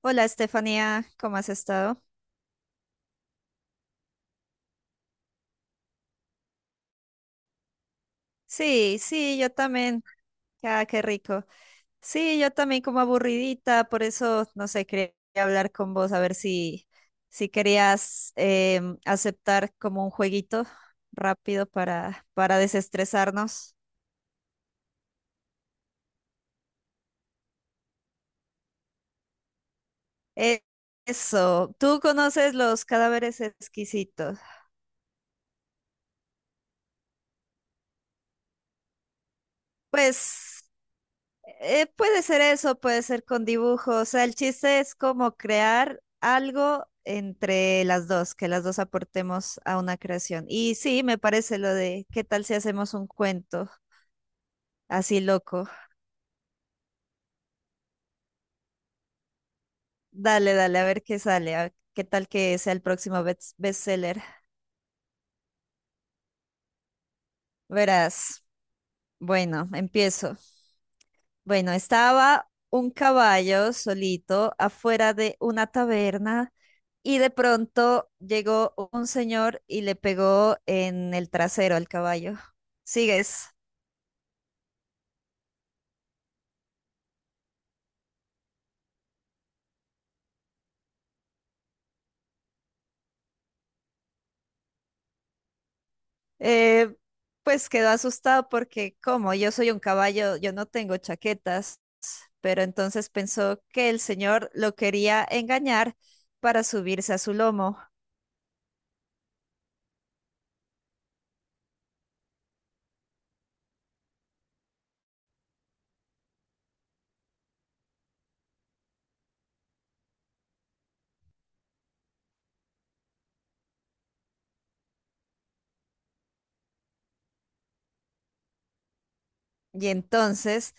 Hola Estefanía, ¿cómo has estado? Sí, sí, yo también. Ah, qué rico. Sí, yo también como aburridita, por eso, no sé, quería hablar con vos a ver si querías aceptar como un jueguito rápido para desestresarnos. Eh, eso, ¿tú conoces los cadáveres exquisitos? Pues, puede ser eso, puede ser con dibujos. O sea, el chiste es como crear algo entre las dos, que las dos aportemos a una creación. Y sí, me parece lo de qué tal si hacemos un cuento así loco. Dale, dale, a ver qué sale, qué tal que sea el próximo bestseller. Verás. Bueno, empiezo. Bueno, estaba un caballo solito afuera de una taberna y de pronto llegó un señor y le pegó en el trasero al caballo. ¿Sigues? Eh, pues quedó asustado porque como yo soy un caballo, yo no tengo chaquetas, pero entonces pensó que el señor lo quería engañar para subirse a su lomo. Y entonces,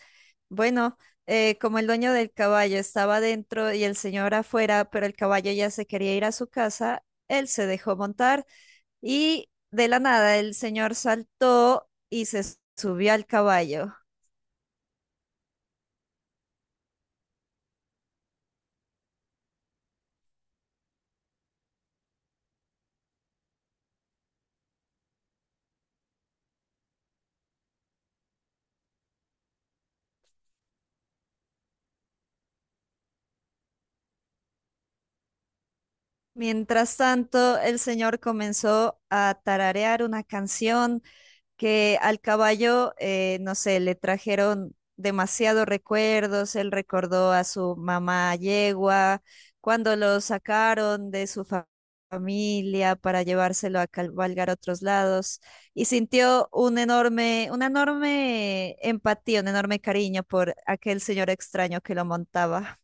bueno, como el dueño del caballo estaba dentro y el señor afuera, pero el caballo ya se quería ir a su casa, él se dejó montar y de la nada el señor saltó y se subió al caballo. Mientras tanto, el señor comenzó a tararear una canción que al caballo, no sé, le trajeron demasiados recuerdos, él recordó a su mamá yegua, cuando lo sacaron de su familia para llevárselo a cabalgar a otros lados y sintió un enorme, una enorme empatía, un enorme cariño por aquel señor extraño que lo montaba.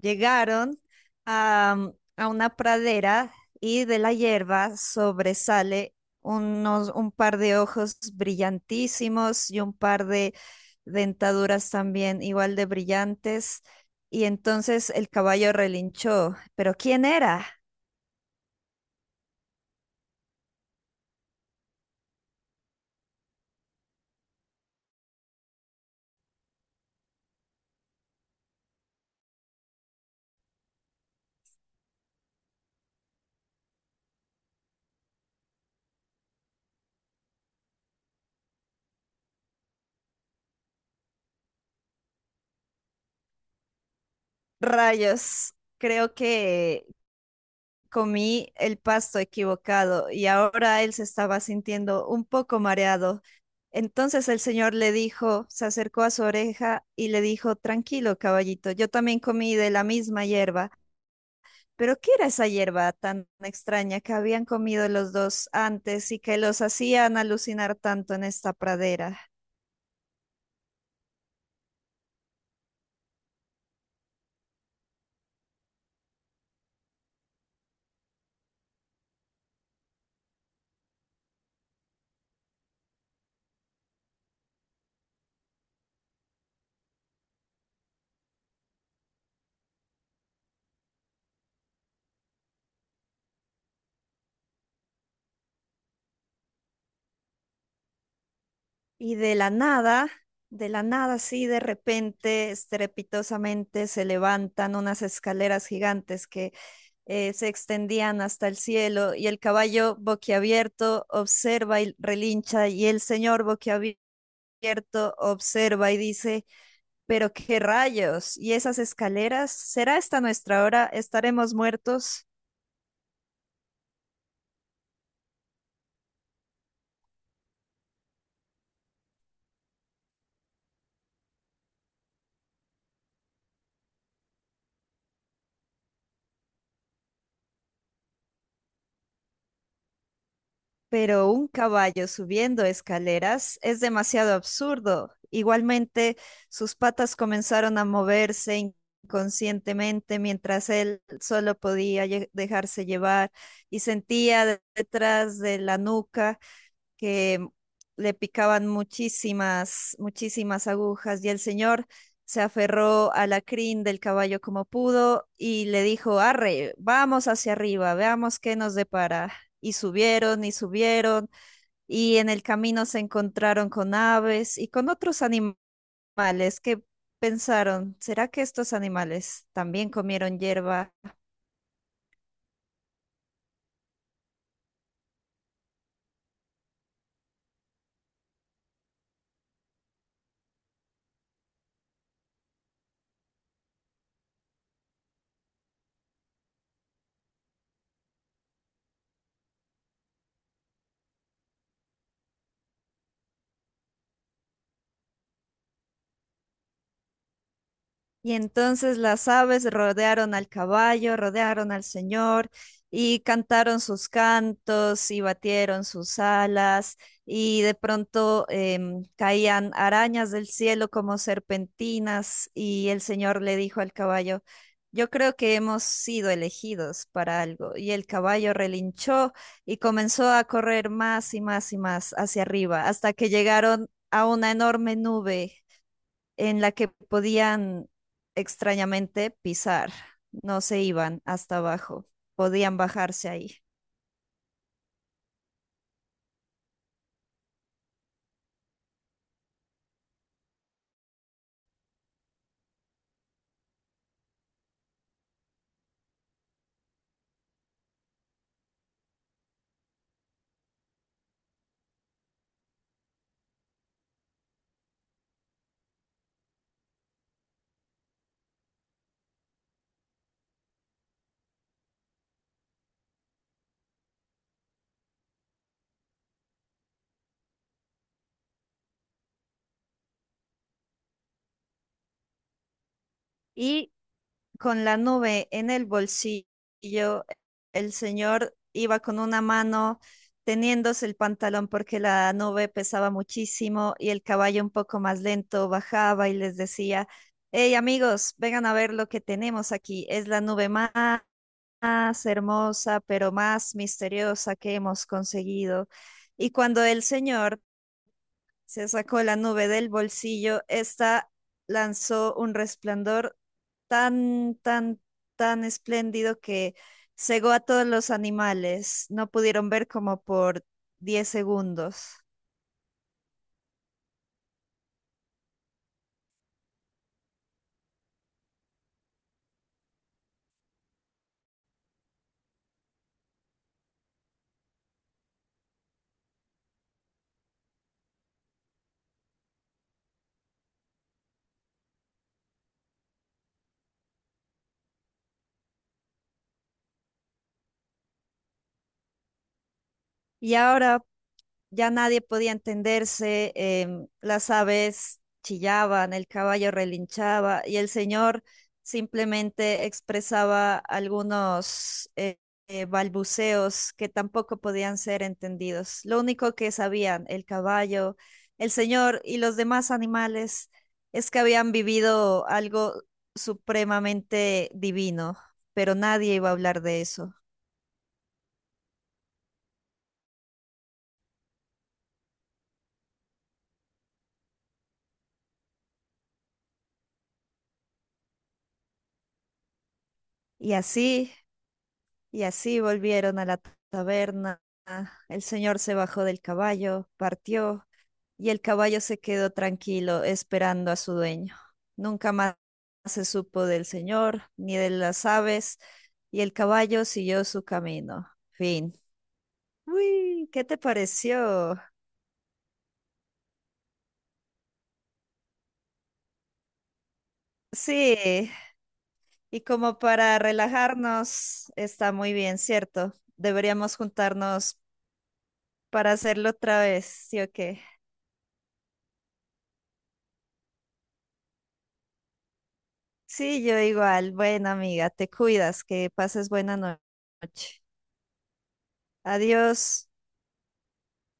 Llegaron a, a una pradera y de la hierba sobresale un par de ojos brillantísimos y un par de dentaduras también igual de brillantes. Y entonces el caballo relinchó. ¿Pero quién era? Rayos, creo que comí el pasto equivocado y ahora él se estaba sintiendo un poco mareado. Entonces el señor le dijo, se acercó a su oreja y le dijo, tranquilo, caballito, yo también comí de la misma hierba. Pero ¿qué era esa hierba tan extraña que habían comido los dos antes y que los hacían alucinar tanto en esta pradera? Y de la nada, sí, de repente, estrepitosamente se levantan unas escaleras gigantes que se extendían hasta el cielo y el caballo boquiabierto observa y relincha y el señor boquiabierto observa y dice, pero qué rayos, ¿y esas escaleras? ¿Será esta nuestra hora? ¿Estaremos muertos? Pero un caballo subiendo escaleras es demasiado absurdo. Igualmente, sus patas comenzaron a moverse inconscientemente mientras él solo podía dejarse llevar y sentía detrás de la nuca que le picaban muchísimas, muchísimas agujas y el señor se aferró a la crin del caballo como pudo y le dijo, arre, vamos hacia arriba, veamos qué nos depara. Y subieron y subieron y en el camino se encontraron con aves y con otros animales que pensaron, ¿será que estos animales también comieron hierba? Y entonces las aves rodearon al caballo, rodearon al señor y cantaron sus cantos y batieron sus alas y de pronto caían arañas del cielo como serpentinas y el señor le dijo al caballo, yo creo que hemos sido elegidos para algo. Y el caballo relinchó y comenzó a correr más y más y más hacia arriba hasta que llegaron a una enorme nube en la que podían extrañamente pisar, no se iban hasta abajo, podían bajarse ahí. Y con la nube en el bolsillo, el señor iba con una mano teniéndose el pantalón porque la nube pesaba muchísimo y el caballo un poco más lento bajaba y les decía, hey amigos, vengan a ver lo que tenemos aquí, es la nube más más hermosa, pero más misteriosa que hemos conseguido. Y cuando el señor se sacó la nube del bolsillo, ésta lanzó un resplandor tan, tan, tan espléndido que cegó a todos los animales. No pudieron ver como por 10 segundos. Y ahora ya nadie podía entenderse, las aves chillaban, el caballo relinchaba y el señor simplemente expresaba algunos balbuceos que tampoco podían ser entendidos. Lo único que sabían el caballo, el señor y los demás animales es que habían vivido algo supremamente divino, pero nadie iba a hablar de eso. Y así, y así volvieron a la taberna. El señor se bajó del caballo, partió, y el caballo se quedó tranquilo esperando a su dueño. Nunca más se supo del señor ni de las aves, y el caballo siguió su camino. Fin. Uy, ¿qué te pareció? Sí, y como para relajarnos, está muy bien, ¿cierto? Deberíamos juntarnos para hacerlo otra vez, ¿sí o qué? Sí, yo igual. Bueno, amiga, te cuidas, que pases buena noche. Adiós.